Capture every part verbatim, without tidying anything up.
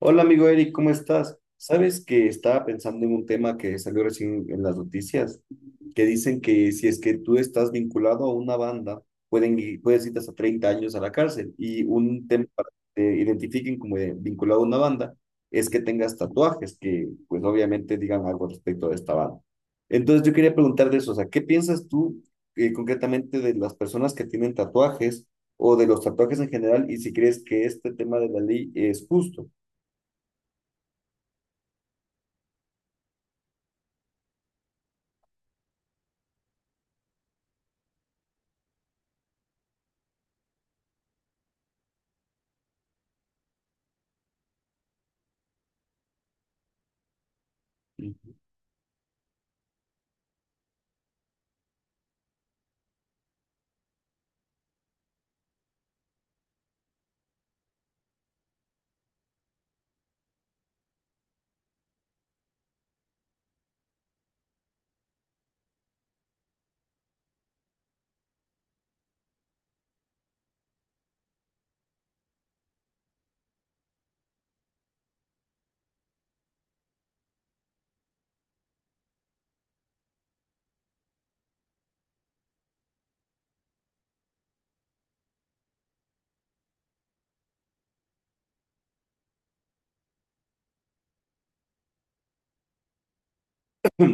Hola amigo Eric, ¿cómo estás? Sabes que estaba pensando en un tema que salió recién en las noticias, que dicen que si es que tú estás vinculado a una banda, pueden, ir- puedes ir hasta treinta años a la cárcel. Y un tema para que te identifiquen como de- vinculado a una banda es que tengas tatuajes que pues obviamente digan algo respecto de esta banda. Entonces yo quería preguntar de eso, o sea, ¿qué piensas tú eh, concretamente de las personas que tienen tatuajes o de los tatuajes en general y si crees que este tema de la ley es justo?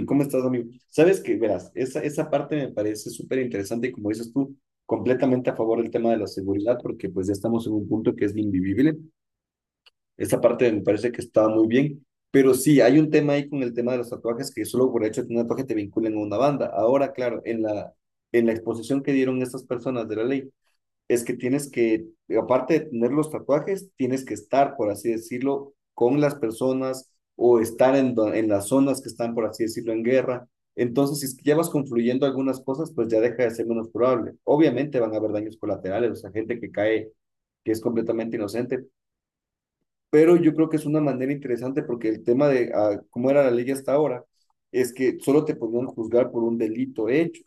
¿Cómo estás, amigo? Sabes que, verás, esa, esa parte me parece súper interesante y como dices tú, completamente a favor del tema de la seguridad, porque pues ya estamos en un punto que es invivible. Esa parte me parece que está muy bien, pero sí, hay un tema ahí con el tema de los tatuajes que solo por el hecho de tener un tatuaje te vinculan a una banda. Ahora, claro, en la, en la exposición que dieron estas personas de la ley, es que tienes que, aparte de tener los tatuajes, tienes que estar, por así decirlo, con las personas o estar en, do- en las zonas que están, por así decirlo, en guerra. Entonces, si es que ya vas confluyendo algunas cosas, pues ya deja de ser menos probable. Obviamente van a haber daños colaterales, o sea, gente que cae, que es completamente inocente, pero yo creo que es una manera interesante porque el tema de ah, cómo era la ley hasta ahora es que solo te podían juzgar por un delito hecho.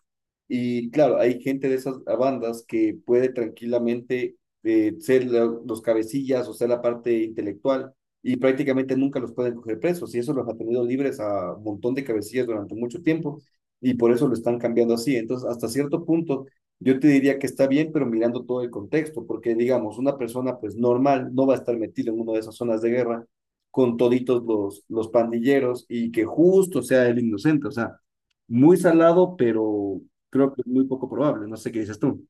Y claro, hay gente de esas bandas que puede tranquilamente eh, ser la- los cabecillas o ser la parte intelectual y prácticamente nunca los pueden coger presos y eso los ha tenido libres a un montón de cabecillas durante mucho tiempo y por eso lo están cambiando así. Entonces, hasta cierto punto yo te diría que está bien, pero mirando todo el contexto, porque digamos, una persona pues normal no va a estar metida en una de esas zonas de guerra con toditos los, los pandilleros y que justo sea el inocente, o sea, muy salado, pero creo que es muy poco probable, no sé qué dices tú.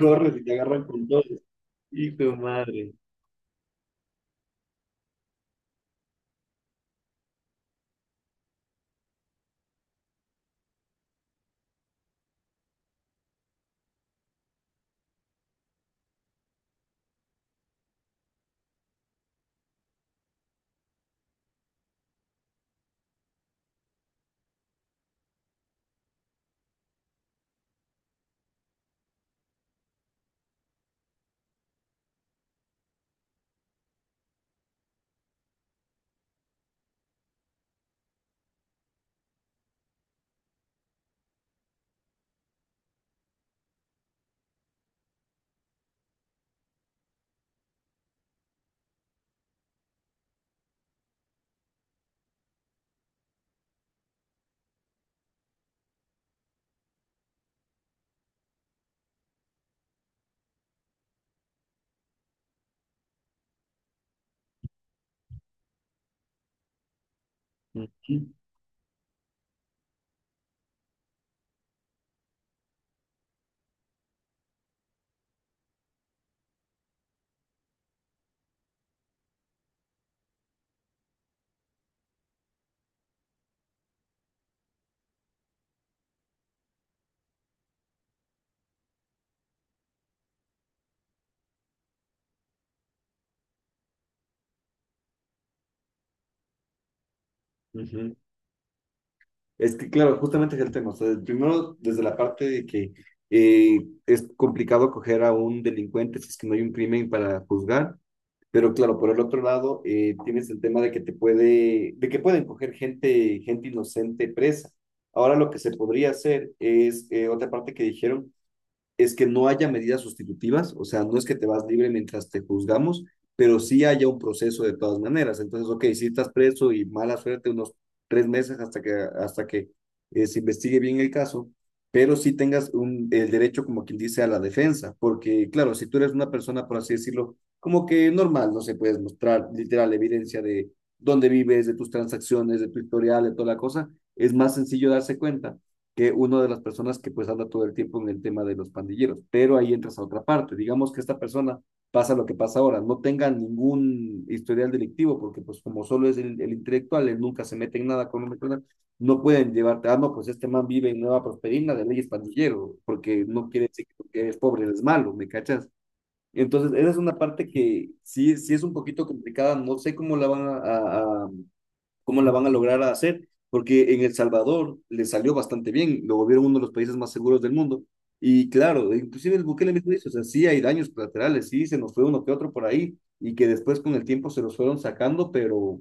Corre, si te agarran con todo. Hijo de madre. Ujú, ujú. Es que, claro, justamente es el tema. O sea, primero, desde la parte de que eh, es complicado coger a un delincuente si es que no hay un crimen para juzgar. Pero claro, por el otro lado, eh, tienes el tema de que te puede, de que pueden coger gente, gente inocente presa. Ahora lo que se podría hacer es eh, otra parte que dijeron, es que no haya medidas sustitutivas, o sea, no es que te vas libre mientras te juzgamos, pero sí haya un proceso de todas maneras. Entonces, ok, si estás preso y mala suerte unos tres meses hasta que, hasta que eh, se investigue bien el caso, pero sí tengas un, el derecho, como quien dice, a la defensa, porque claro, si tú eres una persona, por así decirlo, como que normal, no se puedes mostrar literal evidencia de dónde vives, de tus transacciones, de tu historial, de toda la cosa, es más sencillo darse cuenta que una de las personas que pues habla todo el tiempo en el tema de los pandilleros, pero ahí entras a otra parte, digamos que esta persona pasa lo que pasa ahora, no tenga ningún historial delictivo, porque pues como solo es el, el intelectual, él nunca se mete en nada con un criminal, no pueden llevarte, ah, no, pues este man vive en Nueva Prosperina de leyes pandillero, porque no quiere decir que eres pobre, eres malo, ¿me cachas? Entonces, esa es una parte que sí, sí es un poquito complicada, no sé cómo la van a, a, ¿cómo la van a lograr hacer? Porque en El Salvador le salió bastante bien, lo volvieron uno de los países más seguros del mundo. Y claro, inclusive el Bukele mismo dice, o sea, sí hay daños colaterales, sí se nos fue uno que otro por ahí, y que después con el tiempo se los fueron sacando, pero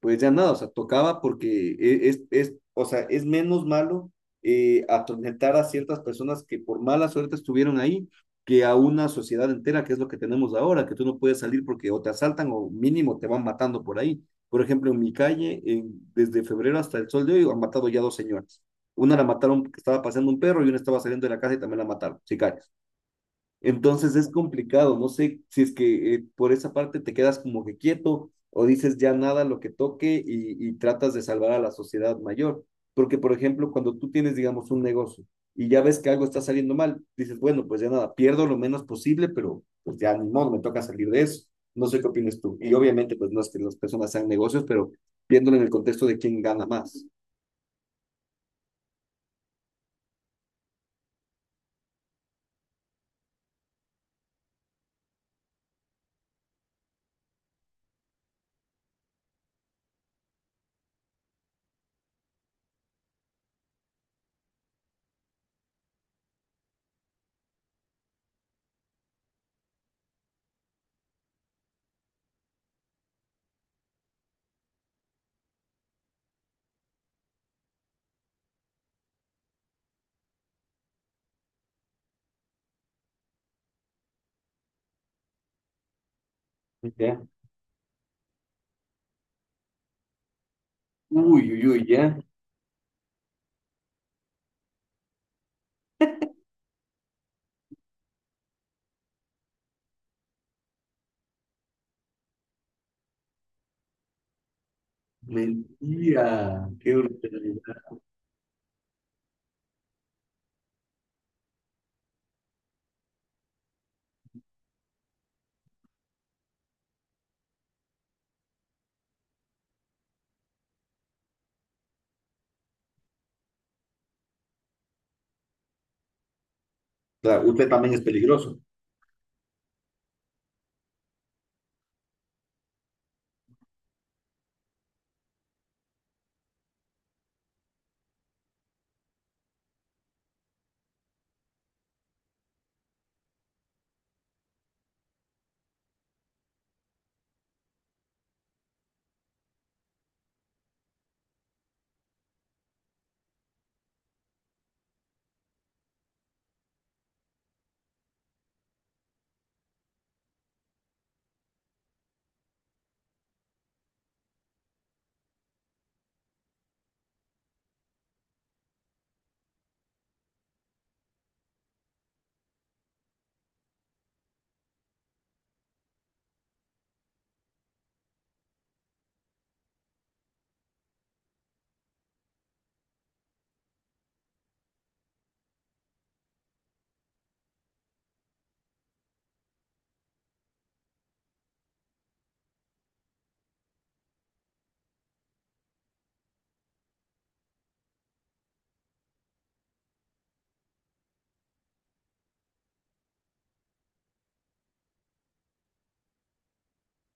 pues ya nada, o sea, tocaba porque e, es, es, o sea, es menos malo eh, atormentar a ciertas personas que por mala suerte estuvieron ahí que a una sociedad entera, que es lo que tenemos ahora, que tú no puedes salir porque o te asaltan o mínimo te van matando por ahí. Por ejemplo, en mi calle, en- desde febrero hasta el sol de hoy, han matado ya dos señoras. Una la mataron porque estaba paseando un perro y una estaba saliendo de la casa y también la mataron, sicarios. Entonces es complicado, no sé si es que eh, por esa parte te quedas como que quieto o dices ya nada lo que toque y, y tratas de salvar a la sociedad mayor. Porque, por ejemplo, cuando tú tienes, digamos, un negocio y ya ves que algo está saliendo mal, dices, bueno, pues ya nada, pierdo lo menos posible, pero pues ya ni modo, me toca salir de eso. No sé qué opinas tú. Y obviamente, pues no es que las personas sean negocios, pero viéndolo en el contexto de quién gana más. Ya. Uy, uy, uy, ya. Mentira. Qué brutalidad. Claro, usted también es peligroso.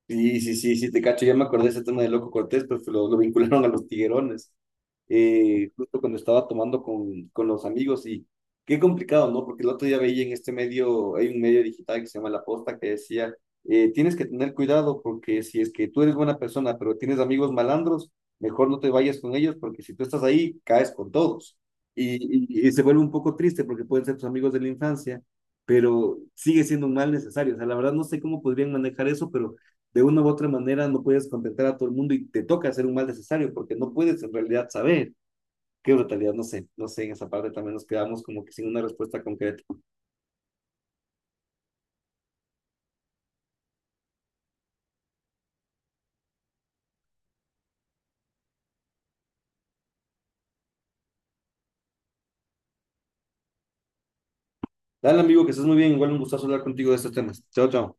Sí, sí, sí, sí, te cacho. Ya me acordé de ese tema de Loco Cortés, pues lo, lo vincularon a los tiguerones, eh, justo cuando estaba tomando con, con los amigos y qué complicado, ¿no? Porque el otro día veía en este medio, hay un medio digital que se llama La Posta que decía, eh, tienes que tener cuidado porque si es que tú eres buena persona, pero tienes amigos malandros, mejor no te vayas con ellos porque si tú estás ahí, caes con todos. Y, y, y se vuelve un poco triste porque pueden ser tus amigos de la infancia, pero sigue siendo un mal necesario. O sea, la verdad no sé cómo podrían manejar eso, pero de una u otra manera no puedes contentar a todo el mundo y te toca hacer un mal necesario porque no puedes en realidad saber qué brutalidad, no sé, no sé, en esa parte también nos quedamos como que sin una respuesta concreta. Dale amigo, que estés muy bien, igual un gustazo hablar contigo de estos temas. Chao, chao.